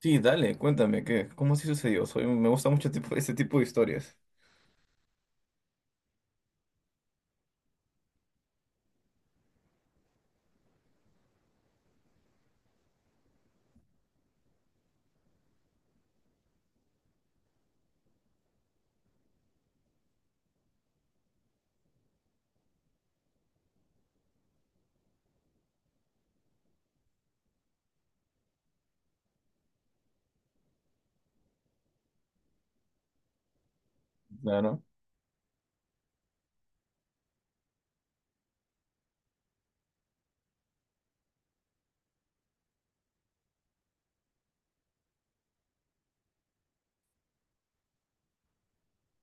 Sí, dale, cuéntame, ¿qué? ¿Cómo así sucedió? Me gusta mucho tipo, este tipo de historias. Claro.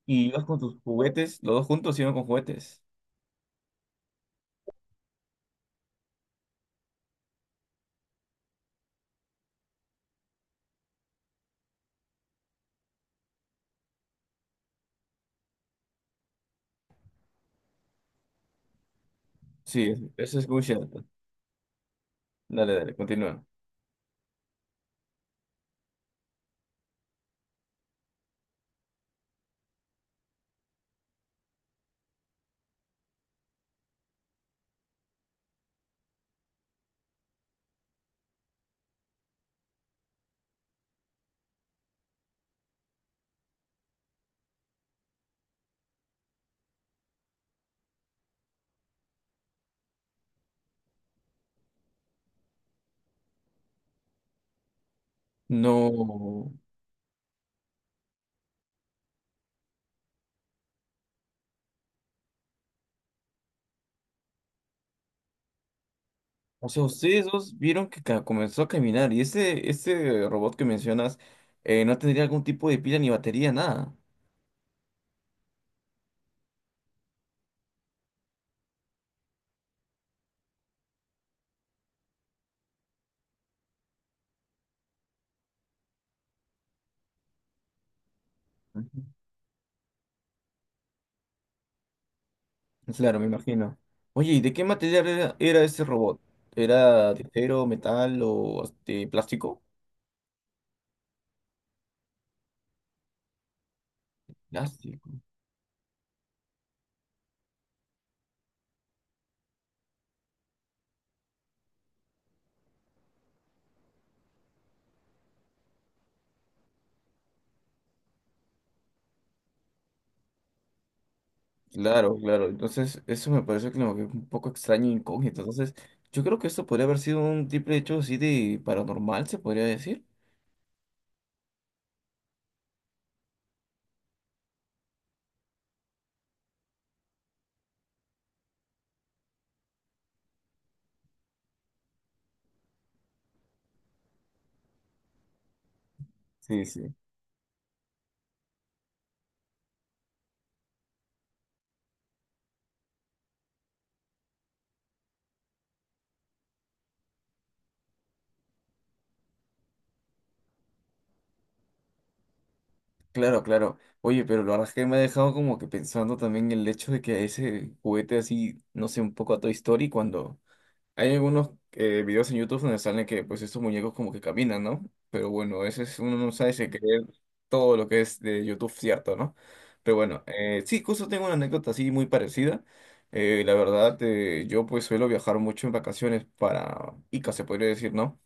¿Y ibas con tus juguetes? ¿Los dos juntos iban con juguetes? Sí, eso es muy cierto. Dale, dale, continúa. No. O sea, ustedes dos vieron que comenzó a caminar y este robot que mencionas no tendría algún tipo de pila ni batería, nada. Ujú. Claro, me imagino. Oye, ¿y de qué material era, este robot? ¿Era de acero, metal o de plástico? Plástico. Claro, claro. Entonces, eso me parece como que un poco extraño e incógnito. Entonces, yo creo que esto podría haber sido un triple hecho así de paranormal, se podría decir. Sí, sí. Claro, claro. Oye, pero la verdad es que me ha dejado como que pensando también el hecho de que ese juguete así, no sé, un poco a Toy Story. Cuando hay algunos videos en YouTube donde salen que pues estos muñecos como que caminan, ¿no? Pero bueno, uno no sabe si creer todo lo que es de YouTube cierto, ¿no? Pero bueno, sí, justo tengo una anécdota así muy parecida. La verdad, yo pues suelo viajar mucho en vacaciones para Ica, se podría decir, ¿no?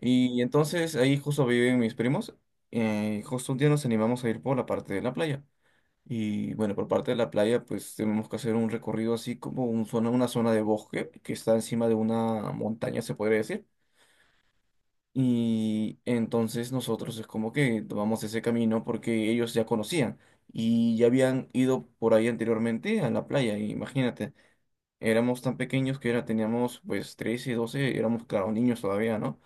Y entonces ahí justo viven mis primos. Justo un día nos animamos a ir por la parte de la playa. Y bueno, por parte de la playa, pues tenemos que hacer un recorrido así como una zona de bosque que está encima de una montaña, se podría decir. Y entonces nosotros es como que tomamos ese camino porque ellos ya conocían y ya habían ido por ahí anteriormente a la playa. Y imagínate, éramos tan pequeños teníamos pues 13 12 éramos, claro, niños todavía, ¿no?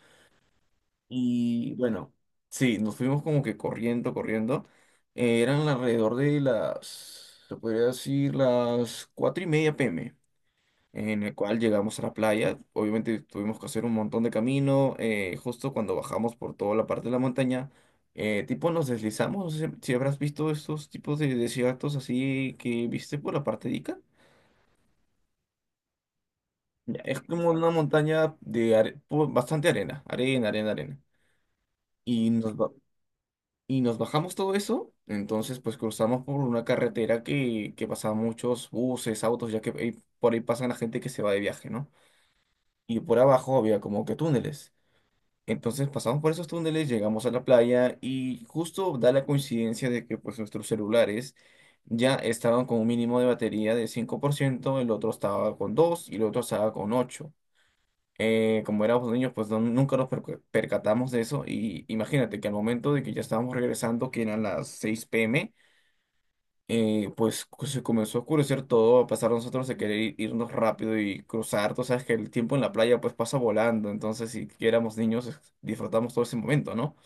Y bueno, sí, nos fuimos como que corriendo, corriendo. Eran alrededor de las, se podría decir, las 4:30 p.m., en el cual llegamos a la playa. Obviamente tuvimos que hacer un montón de camino. Justo cuando bajamos por toda la parte de la montaña, tipo nos deslizamos. No sé si habrás visto estos tipos de desiertos así que viste por la parte de Ica. Ya. Es como una montaña de bastante arena, arena, arena, arena. Y nos, Y nos bajamos todo eso, entonces pues cruzamos por una carretera que pasaba muchos buses, autos, ya que por ahí pasan la gente que se va de viaje, ¿no? Y por abajo había como que túneles. Entonces pasamos por esos túneles, llegamos a la playa y justo da la coincidencia de que pues nuestros celulares ya estaban con un mínimo de batería de 5%, el otro estaba con 2 y el otro estaba con ocho. Como éramos niños, pues nunca nos percatamos de eso. Y imagínate que al momento de que ya estábamos regresando, que eran las 6 p.m., pues se comenzó a oscurecer todo, a pasar nosotros de querer irnos rápido y cruzar. Tú sabes que el tiempo en la playa pues pasa volando, entonces si que éramos niños disfrutamos todo ese momento, ¿no?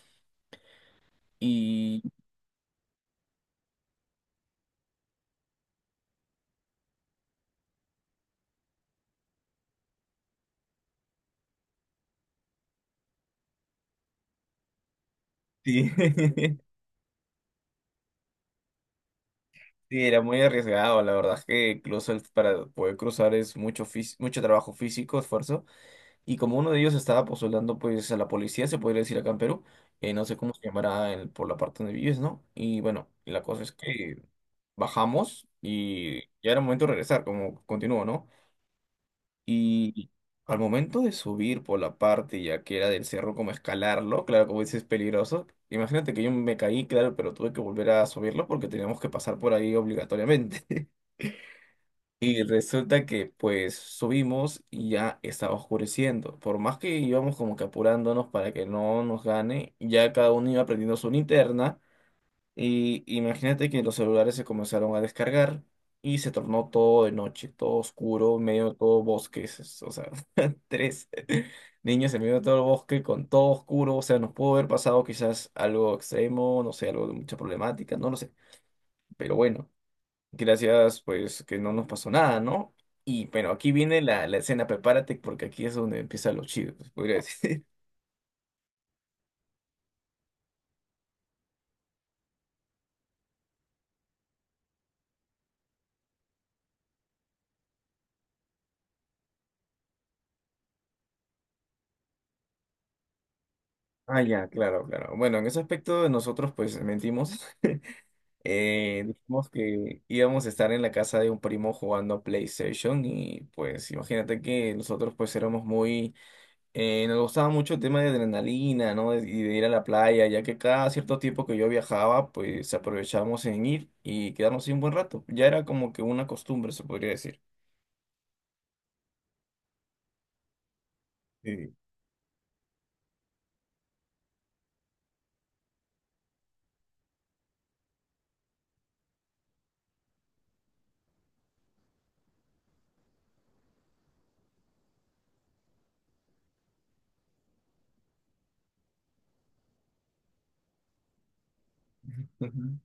Y sí. Sí, era muy arriesgado, la verdad es que incluso para poder cruzar es mucho trabajo físico, esfuerzo. Y como uno de ellos estaba postulando pues a la policía, se podría decir acá en Perú, no sé cómo se llamará por la parte donde vives, ¿no? Y bueno, la cosa es que bajamos y ya era momento de regresar, como continúo, ¿no? Y al momento de subir por la parte ya que era del cerro, como escalarlo, claro, como dices, es peligroso. Imagínate que yo me caí, claro, pero tuve que volver a subirlo porque teníamos que pasar por ahí obligatoriamente. Y resulta que pues subimos y ya estaba oscureciendo. Por más que íbamos como que apurándonos para que no nos gane, ya cada uno iba prendiendo su linterna. Y imagínate que los celulares se comenzaron a descargar y se tornó todo de noche, todo oscuro, en medio de todo bosque. O sea, tres niños en medio de todo el bosque con todo oscuro. O sea, nos pudo haber pasado quizás algo extremo, no sé, algo de mucha problemática, no lo sé. Pero bueno. Gracias, pues que no nos pasó nada, ¿no? Y pero aquí viene la escena, prepárate porque aquí es donde empiezan los chidos, podría decir. Ah, ya, claro, claro. Bueno, en ese aspecto nosotros pues mentimos. Dijimos que íbamos a estar en la casa de un primo jugando a PlayStation y pues imagínate que nosotros pues éramos muy. Nos gustaba mucho el tema de adrenalina, ¿no? Y de ir a la playa, ya que cada cierto tiempo que yo viajaba, pues aprovechábamos en ir y quedarnos ahí un buen rato. Ya era como que una costumbre, se podría decir. Sí. Ujú.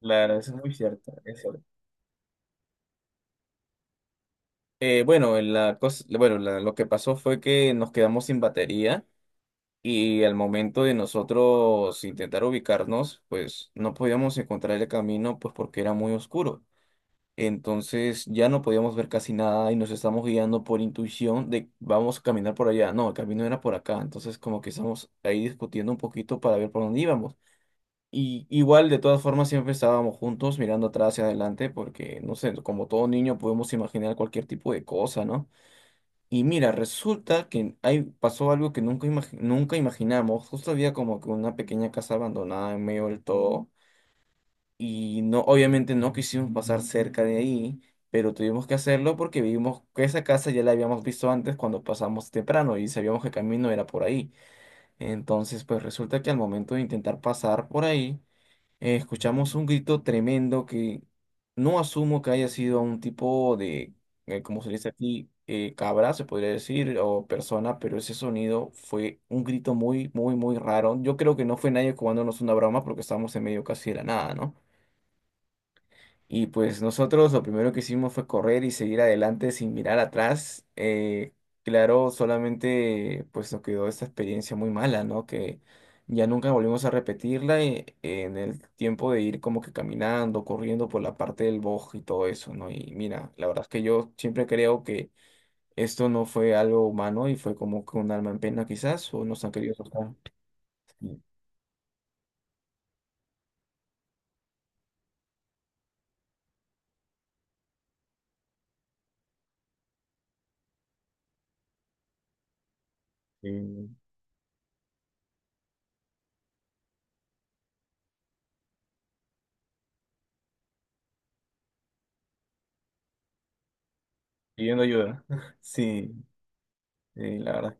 Claro, eso es muy cierto. Es cierto. Bueno, la cosa, bueno, lo que pasó fue que nos quedamos sin batería y al momento de nosotros intentar ubicarnos, pues no podíamos encontrar el camino, pues porque era muy oscuro. Entonces ya no podíamos ver casi nada y nos estamos guiando por intuición de vamos a caminar por allá. No, el camino era por acá. Entonces como que estamos ahí discutiendo un poquito para ver por dónde íbamos. Y igual de todas formas siempre estábamos juntos mirando atrás y adelante porque no sé, como todo niño podemos imaginar cualquier tipo de cosa, ¿no? Y mira, resulta que ahí pasó algo que nunca imaginamos. Justo había como que una pequeña casa abandonada en medio del todo. Y no, obviamente no quisimos pasar cerca de ahí, pero tuvimos que hacerlo porque vimos que esa casa ya la habíamos visto antes cuando pasamos temprano y sabíamos que el camino era por ahí. Entonces, pues resulta que al momento de intentar pasar por ahí, escuchamos un grito tremendo que no asumo que haya sido un tipo de, como se dice aquí, cabra, se podría decir, o persona, pero ese sonido fue un grito muy, muy, muy raro. Yo creo que no fue nadie jugándonos una broma porque estábamos en medio casi de la nada, ¿no? Y pues nosotros lo primero que hicimos fue correr y seguir adelante sin mirar atrás. Claro, solamente pues nos quedó esta experiencia muy mala, ¿no? Que ya nunca volvimos a repetirla en el tiempo de ir como que caminando, corriendo por la parte del bosque y todo eso, ¿no? Y mira, la verdad es que yo siempre creo que esto no fue algo humano y fue como que un alma en pena quizás, o nos han querido tocar. Sí, sí, pidiendo ayuda. Sí, sí, la verdad,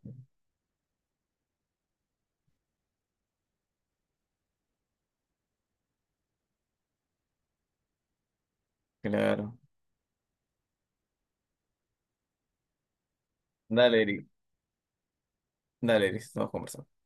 claro. Dale, Eric. Dale, listo, vamos conversando